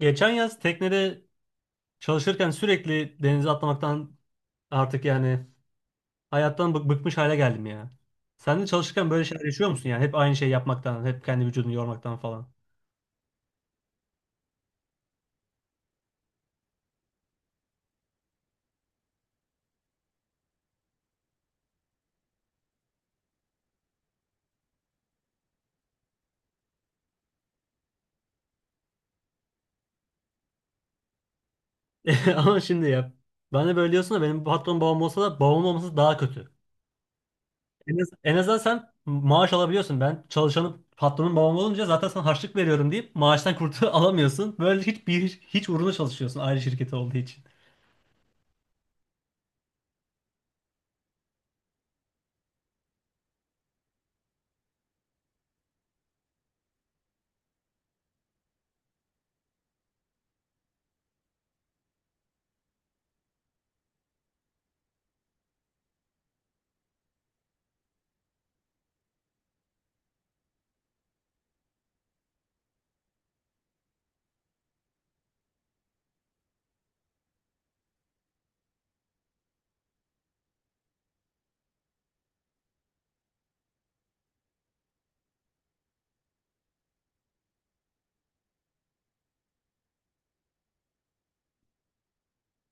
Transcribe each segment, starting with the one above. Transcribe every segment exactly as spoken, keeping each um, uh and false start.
Geçen yaz teknede çalışırken sürekli denize atlamaktan artık yani hayattan bık- bıkmış hale geldim ya. Sen de çalışırken böyle şeyler yaşıyor musun yani? Hep aynı şeyi yapmaktan, hep kendi vücudunu yormaktan falan. Ama şimdi ya. Ben de böyle diyorsun da benim patron babam olsa da babam olması daha kötü. En, az, en azından sen maaş alabiliyorsun. Ben çalışanım, patronun babam olunca zaten sana harçlık veriyorum deyip maaştan kurtul alamıyorsun. Böyle hiç, bir, hiç uğruna çalışıyorsun aile şirketi olduğu için.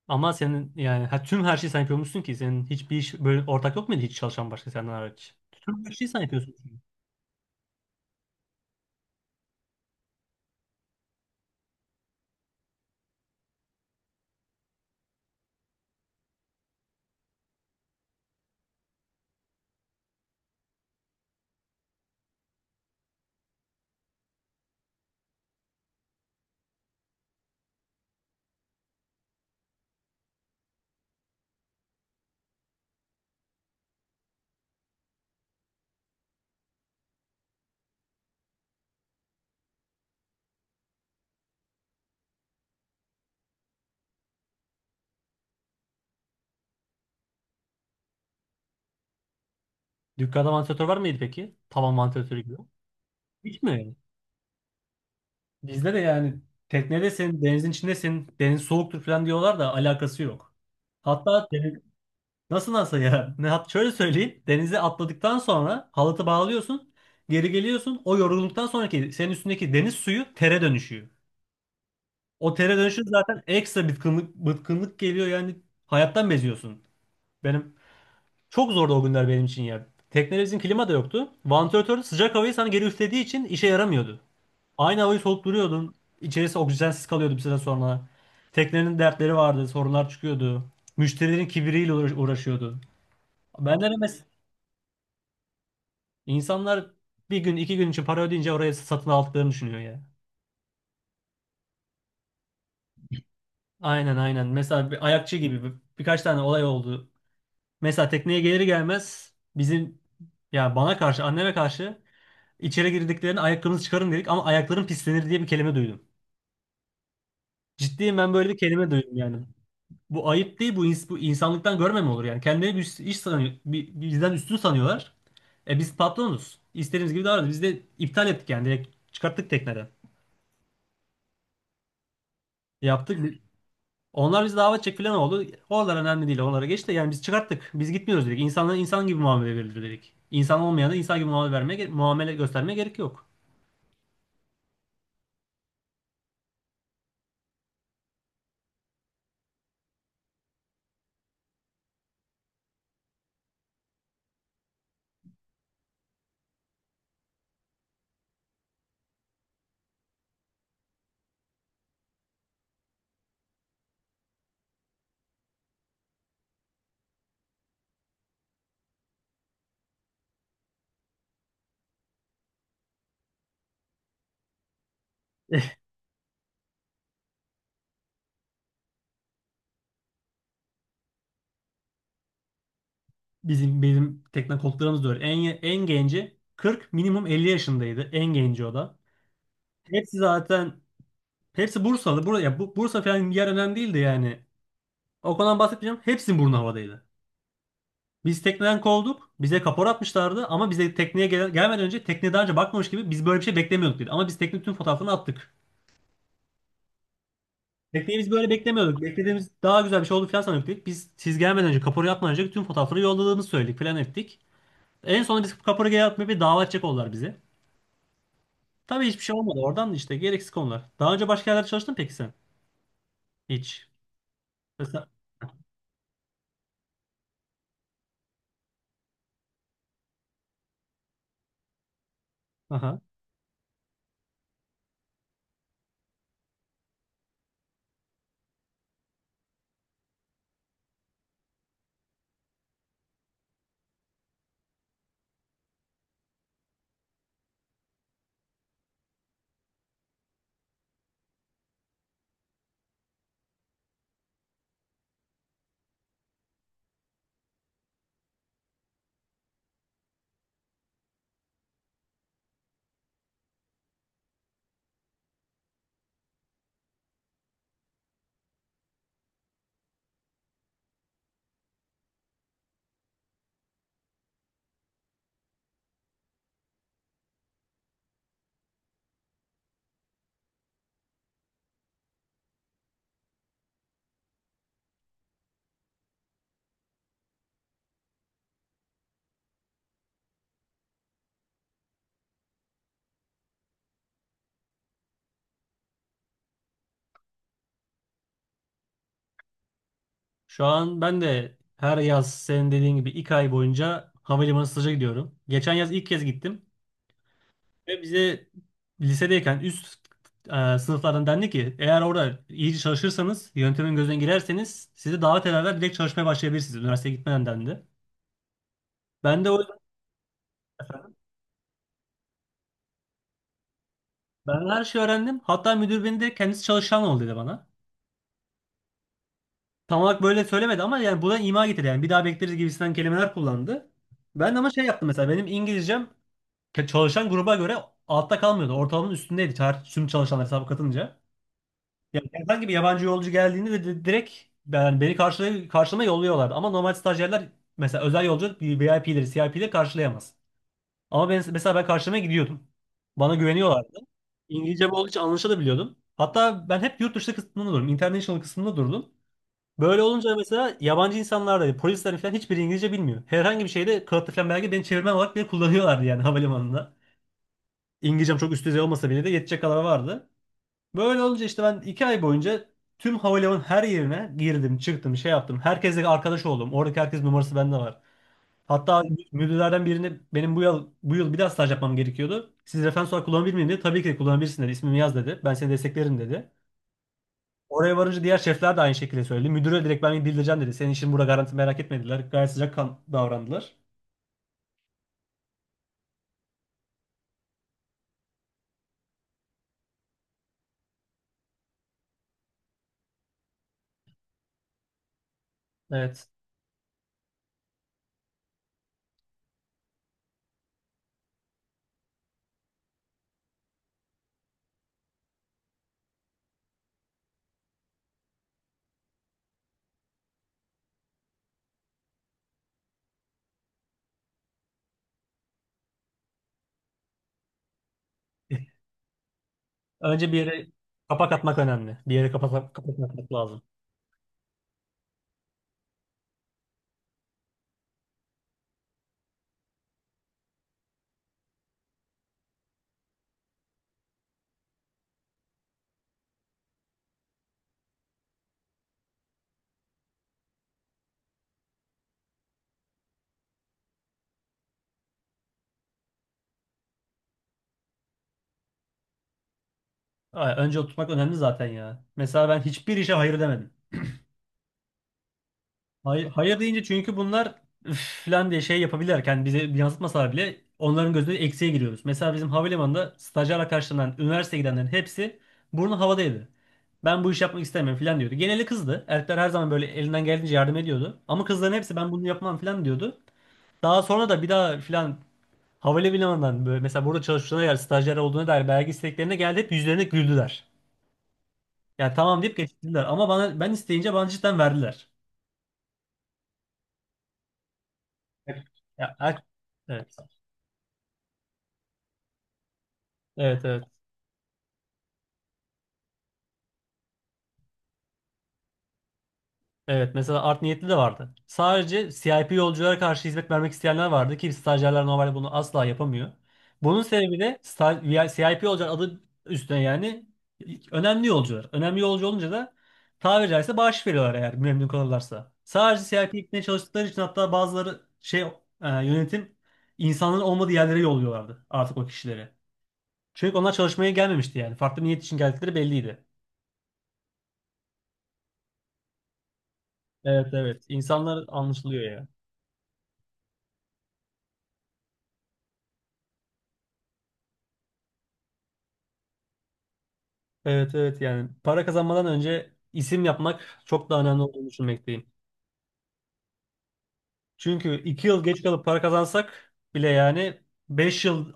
Ama senin yani ha, tüm her şeyi sen yapıyormuşsun ki senin hiçbir iş böyle ortak yok muydu, hiç çalışan başka senden hariç? Tüm her şeyi sen yapıyorsun çünkü. Dükkanda vantilatör var mıydı peki? Tavan vantilatörü gibi. Hiç mi yani? Bizde de yani teknedesin, denizin içindesin, deniz soğuktur falan diyorlar da alakası yok. Hatta deniz, nasıl nasıl ya? Ne hat Şöyle söyleyeyim. Denize atladıktan sonra halatı bağlıyorsun, geri geliyorsun. O yorgunluktan sonraki senin üstündeki deniz suyu tere dönüşüyor. Otele dönüşün zaten ekstra bıkkınlık, bıkkınlık geliyor yani, hayattan beziyorsun. Benim çok zordu o günler benim için ya. Teknemizin klima da yoktu. Vantilatör sıcak havayı sana geri üflediği için işe yaramıyordu. Aynı havayı solup duruyordun. İçerisi oksijensiz kalıyordu bir süre sonra. Teknenin dertleri vardı, sorunlar çıkıyordu. Müşterilerin kibiriyle uğra- uğraşıyordu. Ben de mes insanlar bir gün iki gün için para ödeyince oraya satın aldıklarını düşünüyor ya. Aynen aynen. Mesela bir ayakçı gibi bir- birkaç tane olay oldu. Mesela tekneye gelir gelmez bizim, ya bana karşı anneme karşı, içeri girdiklerinde ayaklarınızı çıkarın dedik ama ayakların pislenir diye bir kelime duydum. Ciddiyim, ben böyle bir kelime duydum yani. Bu ayıp değil, bu ins- bu insanlıktan görme mi olur yani? Kendileri bir iş sanıyor, bi- bizden üstün sanıyorlar. E biz patronuz. İstediğimiz gibi davranıyoruz. Biz de iptal ettik yani, direkt çıkarttık tekneden. Yaptık. Onlar bizi davet edecek falan oldu. Oralar önemli değil. Onlara geç de yani, biz çıkarttık. Biz gitmiyoruz dedik. İnsanlara insan gibi muamele verilir dedik. İnsan olmayana insan gibi muamele vermeye, muamele göstermeye gerek yok. Bizim bizim tekne koltuklarımız da öyle. En, en genci kırk, minimum elli yaşındaydı. En genci o da. Hepsi zaten Hepsi Bursalı. Buraya ya bu, Bursa falan bir yer önemli değildi yani. O konudan bahsetmeyeceğim. Hepsinin burnu havadaydı. Biz tekneden kovulduk. Bize kapora atmışlardı ama bize tekneye gel- gelmeden önce, tekneye daha önce bakmamış gibi, biz böyle bir şey beklemiyorduk dedi. Ama biz tekne tüm fotoğraflarını attık. Bekleyi böyle beklemiyorduk, beklediğimiz daha güzel bir şey oldu falan sanıyorduk dedik. Biz siz gelmeden önce, kapora yapmadan önce tüm fotoğrafları yolladığımızı söyledik falan ettik. En sonunda biz kapora geri, bir dava açacak oldular bize. Tabii hiçbir şey olmadı. Oradan da işte gereksiz konular. Daha önce başka yerlerde çalıştın peki sen? Hiç. Mesela... Aha. Şu an ben de her yaz senin dediğin gibi iki ay boyunca havalimanı staja gidiyorum. Geçen yaz ilk kez gittim. Ve bize lisedeyken üst e, sınıflardan dendi ki eğer orada iyice çalışırsanız, yöntemin gözüne girerseniz sizi davet ederler, direkt çalışmaya başlayabilirsiniz üniversiteye gitmeden dendi. Ben de o yüzden ben her şeyi öğrendim. Hatta müdür beni de kendisi çalışan ol dedi bana. Tam olarak böyle söylemedi ama yani bu da ima getirdi yani, bir daha bekleriz gibisinden kelimeler kullandı. Ben de ama şey yaptım, mesela benim İngilizcem ke- çalışan gruba göre altta kalmıyordu. Ortalamanın üstündeydi, çağır- tüm çalışanlar hesaba katınca. Yani herhangi bir yabancı yolcu geldiğinde de di- direkt ben beni karşılay karşılama yolluyorlardı. Ama normal stajyerler mesela özel yolcu, bir V I P'leri, C I P'leri karşılayamaz. Ama ben mesela ben karşılamaya gidiyordum. Bana güveniyorlardı. İngilizcem olduğu için anlaşılabiliyordum. Hatta ben hep yurt dışı kısmında durdum, International kısmında durdum. Böyle olunca mesela yabancı insanlar da polisler falan hiçbiri İngilizce bilmiyor. Herhangi bir şeyde kağıtlı falan belge, beni çevirmen olarak bile kullanıyorlardı yani havalimanında. İngilizcem çok üst düzey olmasa bile de yetecek kadar vardı. Böyle olunca işte ben iki ay boyunca tüm havalimanının her yerine girdim, çıktım, şey yaptım. Herkesle arkadaş oldum. Oradaki herkes numarası bende var. Hatta müdürlerden birine, benim bu yıl bu yıl bir daha staj yapmam gerekiyordu, siz referans olarak kullanabilir miyim dedi. Tabii ki de kullanabilirsin dedi. İsmimi yaz dedi. Ben seni desteklerim dedi. Oraya varınca diğer şefler de aynı şekilde söyledi. Müdüre direkt ben bildireceğim dedi. Senin işin burada garanti, merak etmediler. Gayet sıcakkan davrandılar. Evet. Önce bir yere kapak atmak önemli. Bir yere kapak, kapak atmak lazım. Ay, önce oturtmak önemli zaten ya. Mesela ben hiçbir işe hayır demedim. Hayır, hayır deyince çünkü bunlar, üf falan diye şey yapabilirken bize yansıtmasalar bile, onların gözünde eksiğe giriyoruz. Mesela bizim havalimanında stajyer arkadaşlarından üniversiteye gidenlerin hepsi burnu havadaydı. Ben bu işi yapmak istemiyorum falan diyordu. Geneli kızdı. Erkekler her zaman böyle elinden geldiğince yardım ediyordu. Ama kızların hepsi ben bunu yapmam falan diyordu. Daha sonra da bir daha falan havalimanından, böyle mesela burada çalıştığına dair, stajyer olduğuna dair belge isteklerine geldi, hep yüzlerine güldüler. Ya tamam deyip geçtiler ama bana, ben isteyince bana cidden verdiler. Ya, her- evet. Evet evet. Evet mesela art niyetli de vardı. Sadece C I P yolculara karşı hizmet vermek isteyenler vardı ki stajyerler normalde bunu asla yapamıyor. Bunun sebebi de sta- VI C I P yolcular adı üstüne yani önemli yolcular. Önemli yolcu olunca da tabiri caizse bağış veriyorlar eğer memnun kalırlarsa. Sadece C I P gitmeye çalıştıkları için hatta bazıları şey e, yönetim insanların olmadığı yerlere yolluyorlardı artık o kişileri. Çünkü onlar çalışmaya gelmemişti yani. Farklı bir niyet için geldikleri belliydi. Evet evet. İnsanlar anlaşılıyor ya. Evet evet, yani para kazanmadan önce isim yapmak çok daha önemli olduğunu düşünmekteyim. Çünkü iki yıl geç kalıp para kazansak bile yani, beş yıl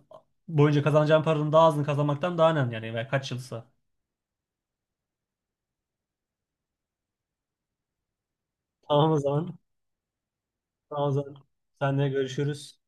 boyunca kazanacağım paranın daha azını kazanmaktan daha önemli yani. Veya kaç yılsa. Tamam o zaman. Tamam o zaman. Seninle görüşürüz.